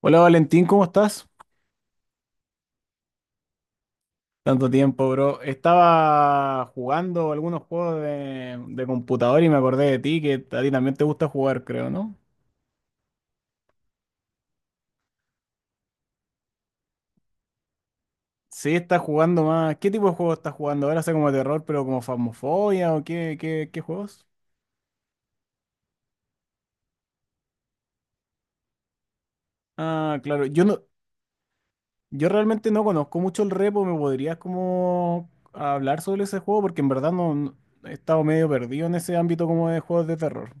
Hola Valentín, ¿cómo estás? Tanto tiempo, bro. Estaba jugando algunos juegos de computador y me acordé de ti, que a ti también te gusta jugar, creo, ¿no? Sí, estás jugando más. ¿Qué tipo de juegos estás jugando? Ahora sé como terror, pero como Phasmophobia o qué juegos? Ah, claro. Yo realmente no conozco mucho el repo. ¿Me podrías como hablar sobre ese juego? Porque en verdad he estado medio perdido en ese ámbito como de juegos de terror.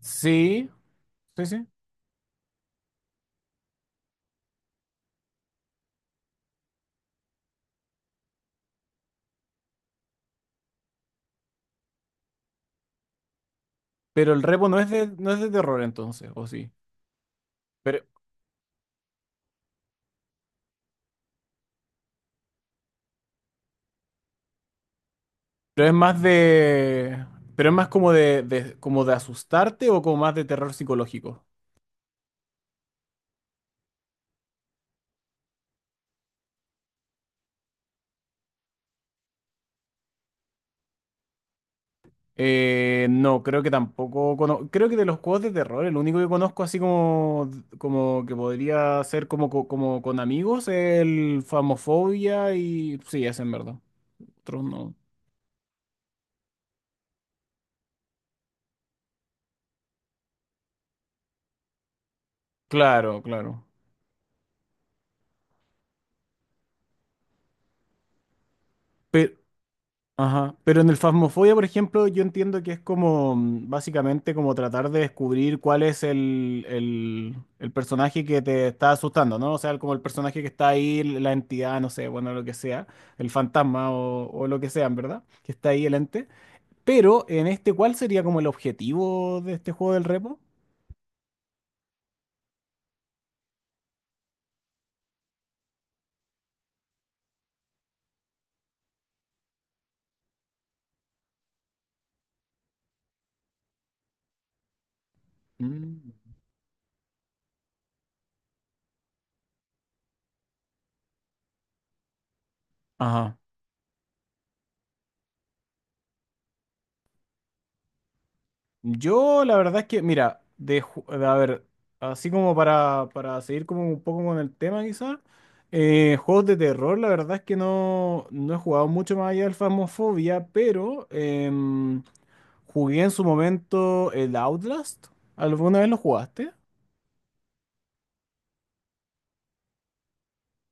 Sí, sí, sí. Pero el repo no es de terror entonces, ¿o sí? Pero, pero es más de. Pero es más como como de asustarte o como más de terror psicológico. No, creo que tampoco. Creo que de los juegos de terror, el único que conozco así como, como que podría ser como con amigos, es el Famofobia y. Sí, ese en verdad. Otros no. Claro, claro. Pe- Ajá. Pero en el Phasmophobia, por ejemplo, yo entiendo que es como, básicamente como tratar de descubrir cuál es el personaje que te está asustando, ¿no? O sea, como el personaje que está ahí, la entidad, no sé, bueno, lo que sea, el fantasma o lo que sea, en verdad, que está ahí el ente. Pero en este, ¿cuál sería como el objetivo de este juego del repo? Mm. Ajá. Yo, la verdad es que, mira, a ver, así como para seguir como un poco con el tema quizás, juegos de terror, la verdad es que no he jugado mucho más allá del Phasmophobia, pero jugué en su momento el Outlast. ¿Alguna vez lo jugaste?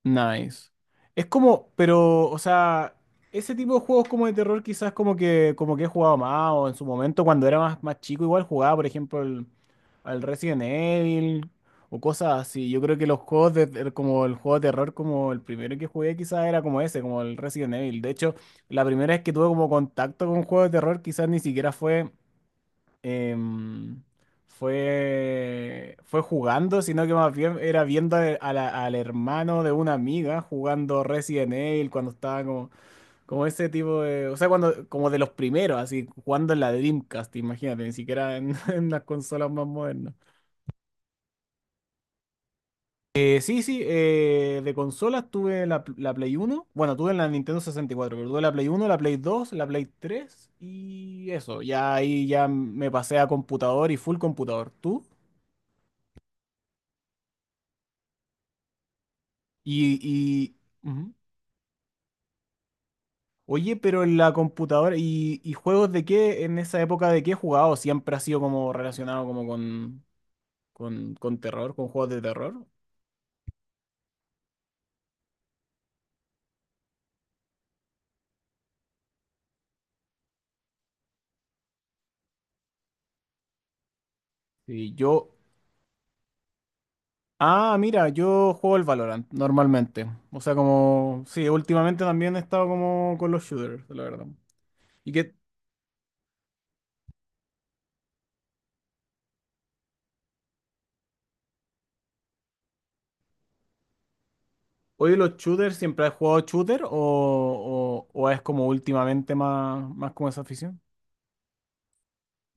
Nice. Es como, pero, o sea, ese tipo de juegos como de terror quizás como que he jugado más, o en su momento cuando era más, más chico igual jugaba, por ejemplo, al Resident Evil o cosas así. Yo creo que los juegos como el juego de terror, como el primero que jugué quizás era como ese, como el Resident Evil. De hecho, la primera vez que tuve como contacto con un juego de terror quizás ni siquiera em, fue jugando, sino que más bien era viendo al hermano de una amiga jugando Resident Evil cuando estaba como, como ese tipo de, o sea, cuando, como de los primeros, así, jugando en la Dreamcast, imagínate, ni siquiera en, en las consolas más modernas. Sí, sí, de consolas tuve la Play Uno, bueno, tuve la Nintendo 64, pero tuve la Play Uno, la Play Dos, la Play Tres, y eso, ya ahí ya me pasé a computador y full computador. ¿Tú? Y, y- ujú. Oye, pero en la computadora, ¿y juegos de qué, en esa época de qué he jugado? ¿Siempre ha sido como relacionado como con terror, con juegos de terror? Y yo, ah, mira, yo juego el Valorant normalmente. O sea, como, sí, últimamente también he estado como con los shooters, la verdad. ¿Y qué, ¿Hoy los shooters, siempre has jugado shooter o es como últimamente más, más como esa afición?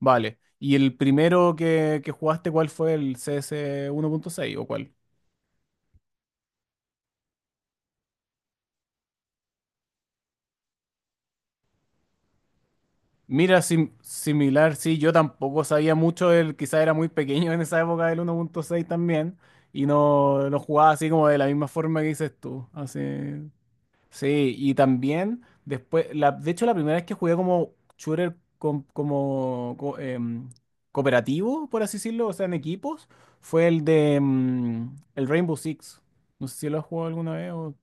Vale. ¿Y el primero que jugaste, cuál fue el CS 1.6 o cuál? Mira, similar, sí, yo tampoco sabía mucho, él quizá era muy pequeño en esa época del 1.6 también, y no lo jugaba así como de la misma forma que dices tú. Así. Sí, y también después, de hecho la primera vez que jugué como shooter cooperativo, por así decirlo, o sea, en equipos, fue el Rainbow Six. No sé si lo has jugado alguna vez o...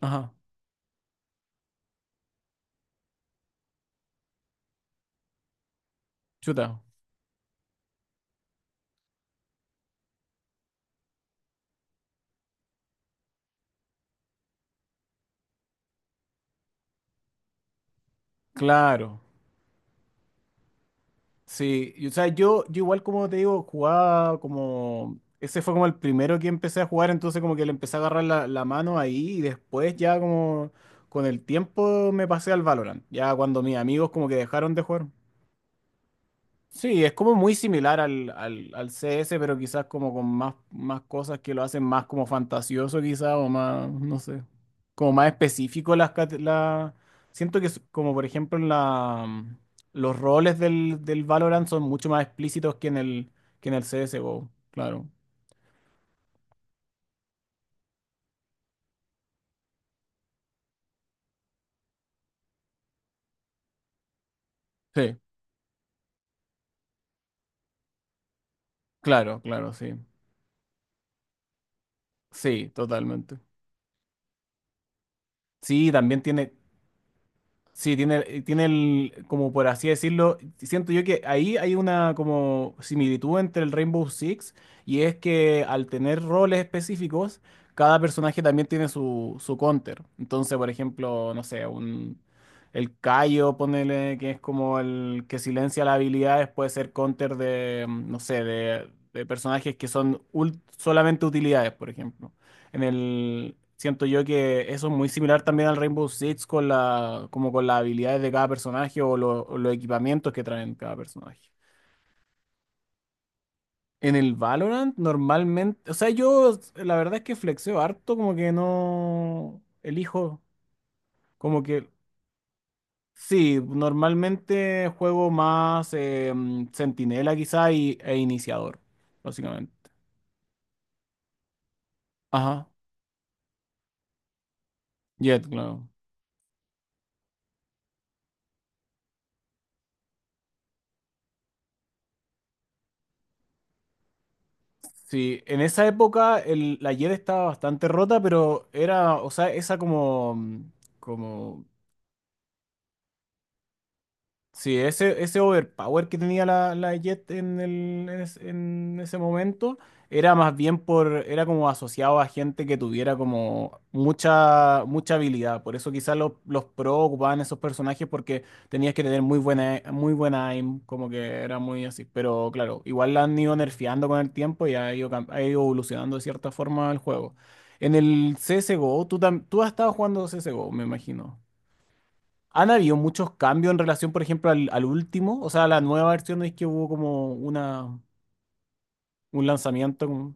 Ajá, chuta, claro. Sí, y, o sea, yo igual como te digo, jugaba como... Ese fue como el primero que empecé a jugar, entonces como que le empecé a agarrar la mano ahí y después ya como con el tiempo me pasé al Valorant, ya cuando mis amigos como que dejaron de jugar. Sí, es como muy similar al CS, pero quizás como con más, más cosas que lo hacen más como fantasioso quizás, o más, no sé, como más específico siento que es como por ejemplo en la, los roles del Valorant son mucho más explícitos que en el CSGO, claro. Sí, claro, claro, sí. Sí, totalmente. Sí, también tiene, sí, tiene el, como por así decirlo, siento yo que ahí hay una como similitud entre el Rainbow Six, y es que al tener roles específicos, cada personaje también tiene su counter. Entonces, por ejemplo, no sé, el Kayo, ponele, que es como el que silencia las habilidades, puede ser counter de, no sé, de personajes que son solamente utilidades, por ejemplo. En el, siento yo que eso es muy similar también al Rainbow Six con como con las habilidades de cada personaje, o los equipamientos que traen cada personaje. En el Valorant normalmente, o sea, yo la verdad es que flexeo harto, como que no elijo, como que sí, normalmente juego más centinela quizá e iniciador, básicamente. Ajá, Jet, claro. Sí, en esa época la Jet estaba bastante rota, pero era, o sea, esa como sí, ese overpower que tenía la Jet en el, en, es- en ese momento era más bien por, era como asociado a gente que tuviera como mucha, mucha habilidad. Por eso quizás los pro ocupaban esos personajes porque tenías que tener muy buena aim, como que era muy así. Pero claro, igual la han ido nerfeando con el tiempo y ha ido evolucionando de cierta forma el juego. En el CSGO, tú has estado jugando CSGO, me imagino. ¿Han habido muchos cambios en relación, por ejemplo, al último? O sea, la nueva versión es que hubo como un lanzamiento.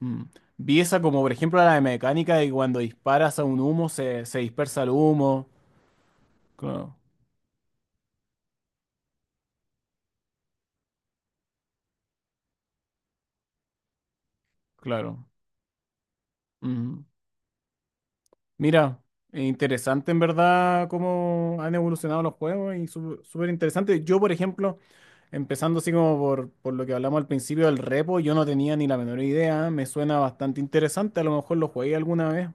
mm. Vi esa como, por ejemplo, la de mecánica de que cuando disparas a un humo se dispersa el humo. Claro, claro. Mm. Mira, interesante en verdad cómo han evolucionado los juegos y súper interesante. Yo, por ejemplo, empezando así como por lo que hablamos al principio del repo, yo no tenía ni la menor idea. Me suena bastante interesante. A lo mejor lo jugué alguna vez,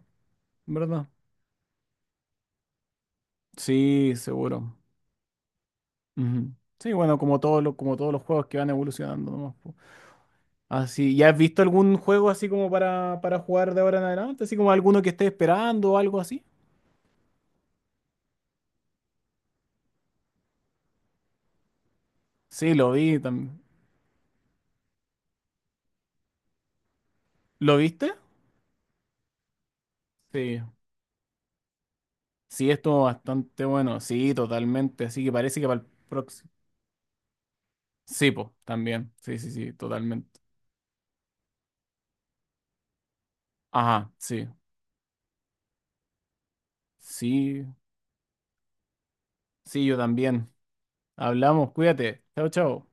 ¿verdad? Sí, seguro. Ujú. Sí, bueno, como todos los juegos que van evolucionando nomás, po. Así, ¿ya has visto algún juego así como para jugar de ahora en adelante? Así como alguno que esté esperando o algo así. Sí, lo vi también. ¿Lo viste? Sí. Sí, estuvo bastante bueno. Sí, totalmente. Así que parece que para el próximo. Sí, pues, también. Sí, sí, sí, totalmente. Ajá, sí. Sí, sí, yo también. Hablamos, cuídate. Chao, chao.